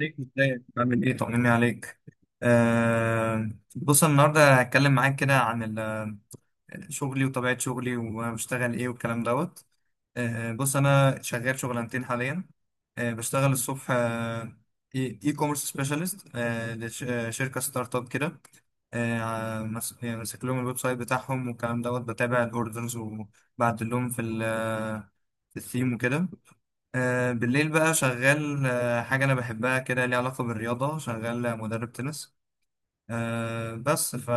ليك ازاي؟ بعمل ايه؟ طمني عليك. آه. بص، أنا النهارده هتكلم معاك كده عن شغلي وطبيعه شغلي وبشتغل ايه والكلام دوت. بص، انا شغال شغلانتين حاليا. بشتغل الصبح، اي كوميرس سبيشالست لشركه ستارت اب كده. يعني ماسك لهم الويب سايت بتاعهم والكلام دوت، بتابع الاوردرز وبعدل لهم في الثيم وكده. بالليل بقى شغال، حاجة أنا بحبها كده ليها علاقة بالرياضة، شغال مدرب تنس. بس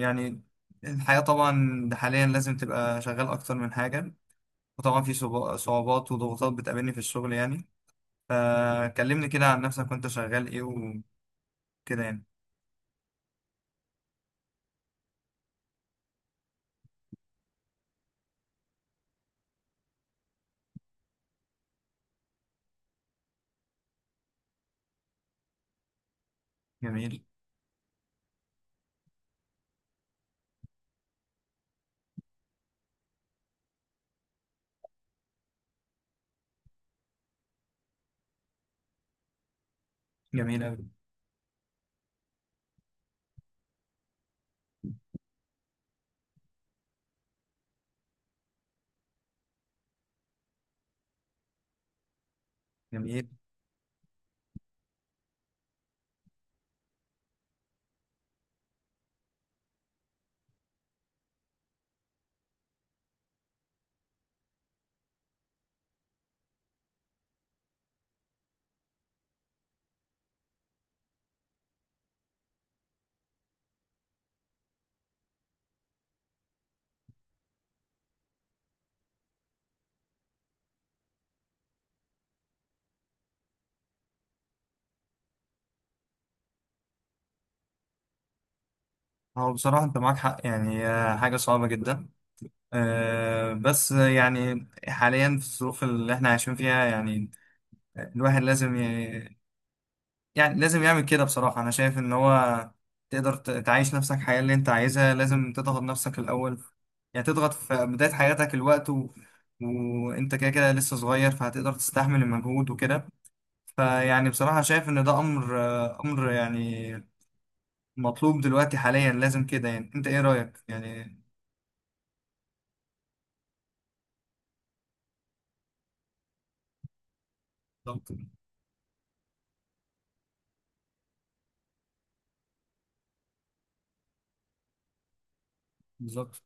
يعني الحياة طبعا حاليا لازم تبقى شغال أكتر من حاجة، وطبعا في صعوبات وضغوطات بتقابلني في الشغل، يعني. فكلمني كده عن نفسك، وأنت شغال إيه وكده، يعني. جميل. جميل أوي. جميل. هو بصراحة أنت معاك حق، يعني حاجة صعبة جدا. بس يعني حاليا في الظروف اللي احنا عايشين فيها، يعني الواحد لازم، يعني لازم يعمل كده. بصراحة أنا شايف إن هو تقدر تعيش نفسك الحياة اللي أنت عايزها، لازم تضغط نفسك الأول. يعني تضغط في بداية حياتك الوقت، وأنت كده كده لسه صغير، فهتقدر تستحمل المجهود وكده. فيعني بصراحة شايف إن ده أمر، يعني مطلوب دلوقتي حاليا، لازم كده. يعني أنت إيه رأيك، يعني؟ بالظبط. بالظبط.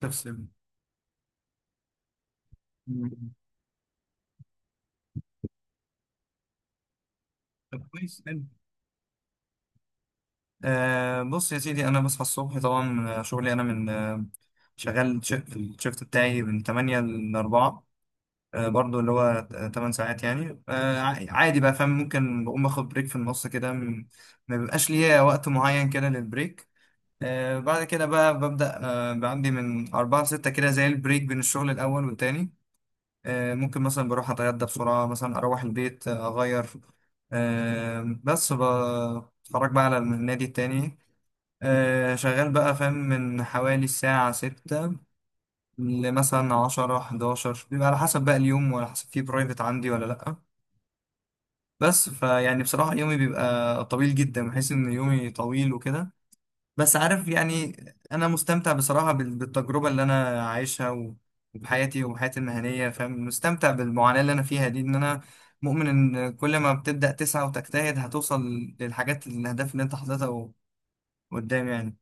تسلم. مم. طب كويس، حلو. بص يا سيدي، أنا بصحى الصبح طبعا، شغلي أنا من، شغال في الشفت بتاعي من 8 ل 4. برضو اللي هو 8 ساعات، يعني عادي بقى، فاهم؟ ممكن بقوم آخد بريك في النص كده، ما بيبقاش ليا وقت معين كده للبريك. بعد كده بقى ببدأ، بعندي من 4 ل 6 كده، زي البريك بين الشغل الأول والتاني. ممكن مثلا بروح أتغدى بسرعة، مثلا أروح البيت، أغير. بس بتفرج بقى على النادي التاني. شغال بقى، فاهم، من حوالي الساعة 6 لمثلا 10، 11، بيبقى على حسب بقى اليوم وعلى حسب فيه برايفت عندي ولا لأ. بس فيعني بصراحة يومي بيبقى طويل جدا، بحس إن يومي طويل وكده. بس عارف، يعني أنا مستمتع بصراحة بالتجربة اللي أنا عايشها، وبحياتي المهنية، فاهم؟ مستمتع بالمعاناة اللي أنا فيها دي، إن أنا مؤمن إن كل ما بتبدأ تسعى وتجتهد هتوصل للحاجات، الأهداف اللي أنت حاططها قدام، يعني.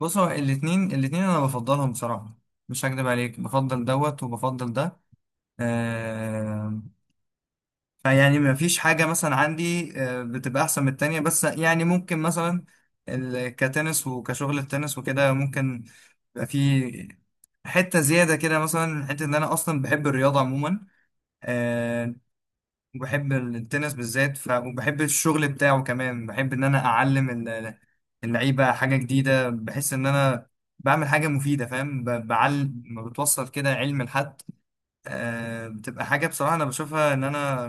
بص هو الاتنين انا بفضلهم بصراحة، مش هكدب عليك، بفضل دوت وبفضل ده. آه. فيعني ما فيش حاجة مثلا عندي بتبقى احسن من التانية، بس يعني ممكن مثلا كتنس وكشغل التنس وكده، ممكن يبقى في حتة زيادة كده، مثلا حتة ان انا اصلا بحب الرياضة عموما، آه، وبحب التنس بالذات، وبحب الشغل بتاعه كمان. بحب ان انا اعلم اللعيبه حاجه جديده، بحس ان انا بعمل حاجه مفيده، فاهم؟ ما بتوصل كده علم لحد. بتبقى حاجه بصراحه انا بشوفها، ان انا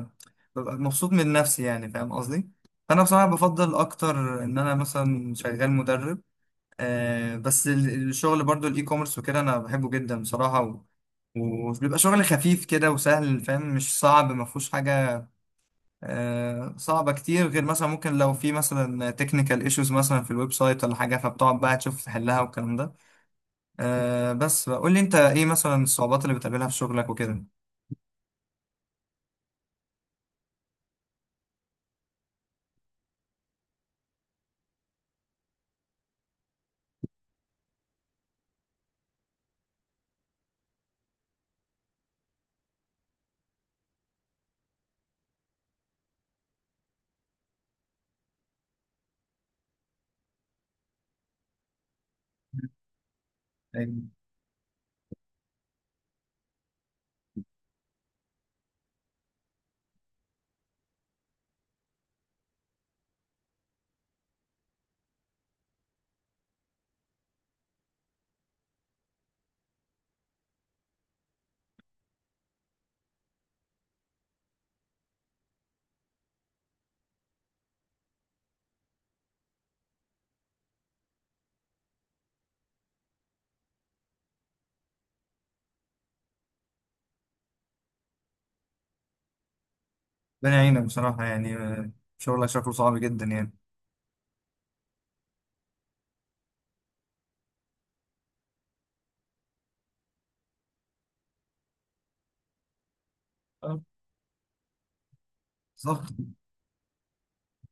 ببقى مبسوط من نفسي، يعني فاهم قصدي. فانا بصراحه بفضل اكتر ان انا مثلا شغال مدرب. بس الشغل برضو، الاي كوميرس وكده، انا بحبه جدا بصراحه، وبيبقى شغل خفيف كده وسهل، فاهم؟ مش صعب، ما فيهوش حاجه صعبة كتير، غير مثلا ممكن لو في مثلا تكنيكال ايشوز مثلا في الويب سايت ولا حاجة، فبتقعد بقى تشوف تحلها والكلام ده. بس قول لي انت ايه مثلا الصعوبات اللي بتقابلها في شغلك وكده؟ يعني ربنا يعينك بصراحة، يعني شغلك شكله صعب جدا، يعني. آه. بالظبط.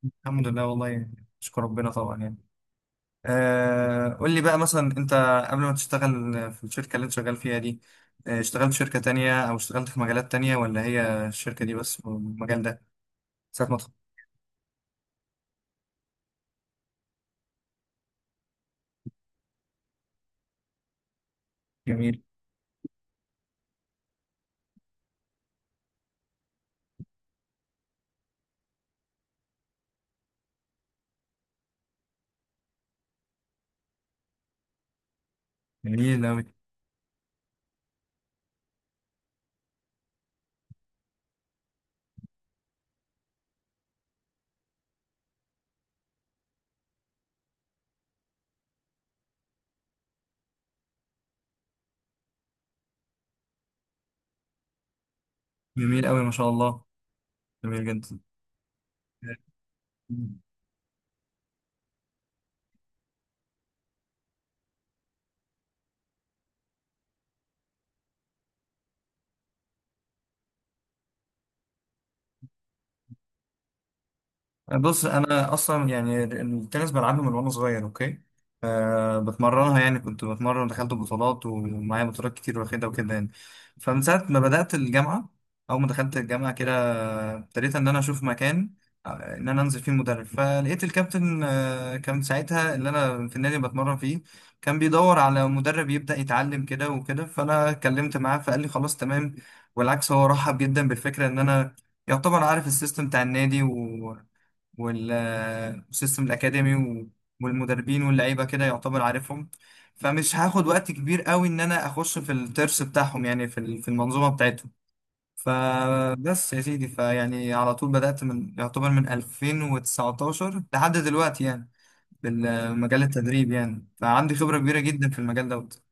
الحمد لله، والله يعني اشكر ربنا طبعا، يعني قول لي بقى، مثلا انت قبل ما تشتغل في الشركة اللي انت شغال فيها دي، اشتغلت في شركة تانية او اشتغلت في مجالات تانية، ولا هي الشركة دي بس والمجال ده؟ ساعة ما. تخرج. جميل أوي. جميل أوي، ما شاء الله. جميل جدا. بص انا اصلا، يعني التنس بلعبه من وانا صغير، اوكي. بتمرنها، يعني كنت بتمرن، دخلت بطولات ومعايا بطولات كتير واخدها وكده، يعني. فمن ساعه ما بدات الجامعه، اول ما دخلت الجامعه كده، ابتديت ان انا اشوف مكان ان انا انزل فيه مدرب، فلقيت الكابتن كان ساعتها اللي انا في النادي بتمرن فيه كان بيدور على مدرب يبدا يتعلم كده وكده، فانا اتكلمت معاه فقال لي خلاص تمام. والعكس، هو رحب جدا بالفكره ان انا يعتبر عارف السيستم بتاع النادي وال- والسيستم الأكاديمي والمدربين واللعيبة، كده يعتبر عارفهم، فمش هاخد وقت كبير قوي إن أنا أخش في الترس بتاعهم، يعني في المنظومة بتاعتهم. فبس يا سيدي، فيعني على طول بدأت من، يعتبر، من 2019 لحد دلوقتي، يعني بالمجال، التدريب، يعني فعندي خبرة كبيرة جدا في المجال دوت.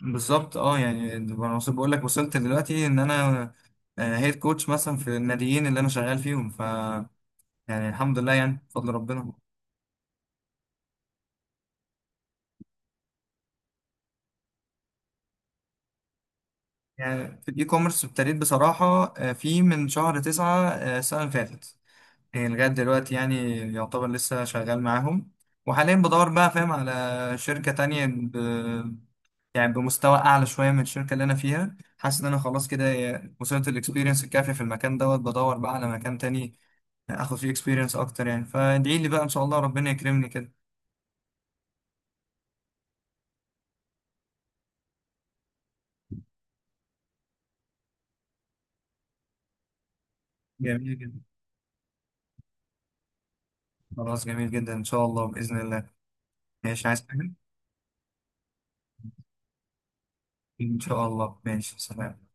بالظبط. اه يعني بقول لك، وصلت دلوقتي ان انا هيد كوتش مثلا في الناديين اللي انا شغال فيهم، يعني الحمد لله، يعني بفضل ربنا. يعني في الاي كوميرس ابتديت بصراحة، من شهر 9، السنة اللي فاتت، يعني لغاية دلوقتي، يعني يعتبر لسه شغال معاهم. وحاليا بدور بقى، فاهم، على شركة تانية، يعني بمستوى أعلى شوية من الشركة اللي أنا فيها، حاسس إن أنا خلاص كده وصلت الإكسبيرينس الكافية في المكان دوت، بدور بقى على مكان تاني آخد فيه إكسبيرينس أكتر، يعني فادعي لي بقى، إن شاء الله ربنا يكرمني كده. جميل جدا. خلاص، جميل جدا. إن شاء الله، بإذن الله. ماشي، عايز حاجة؟ إن شاء الله، ماشي، سلام.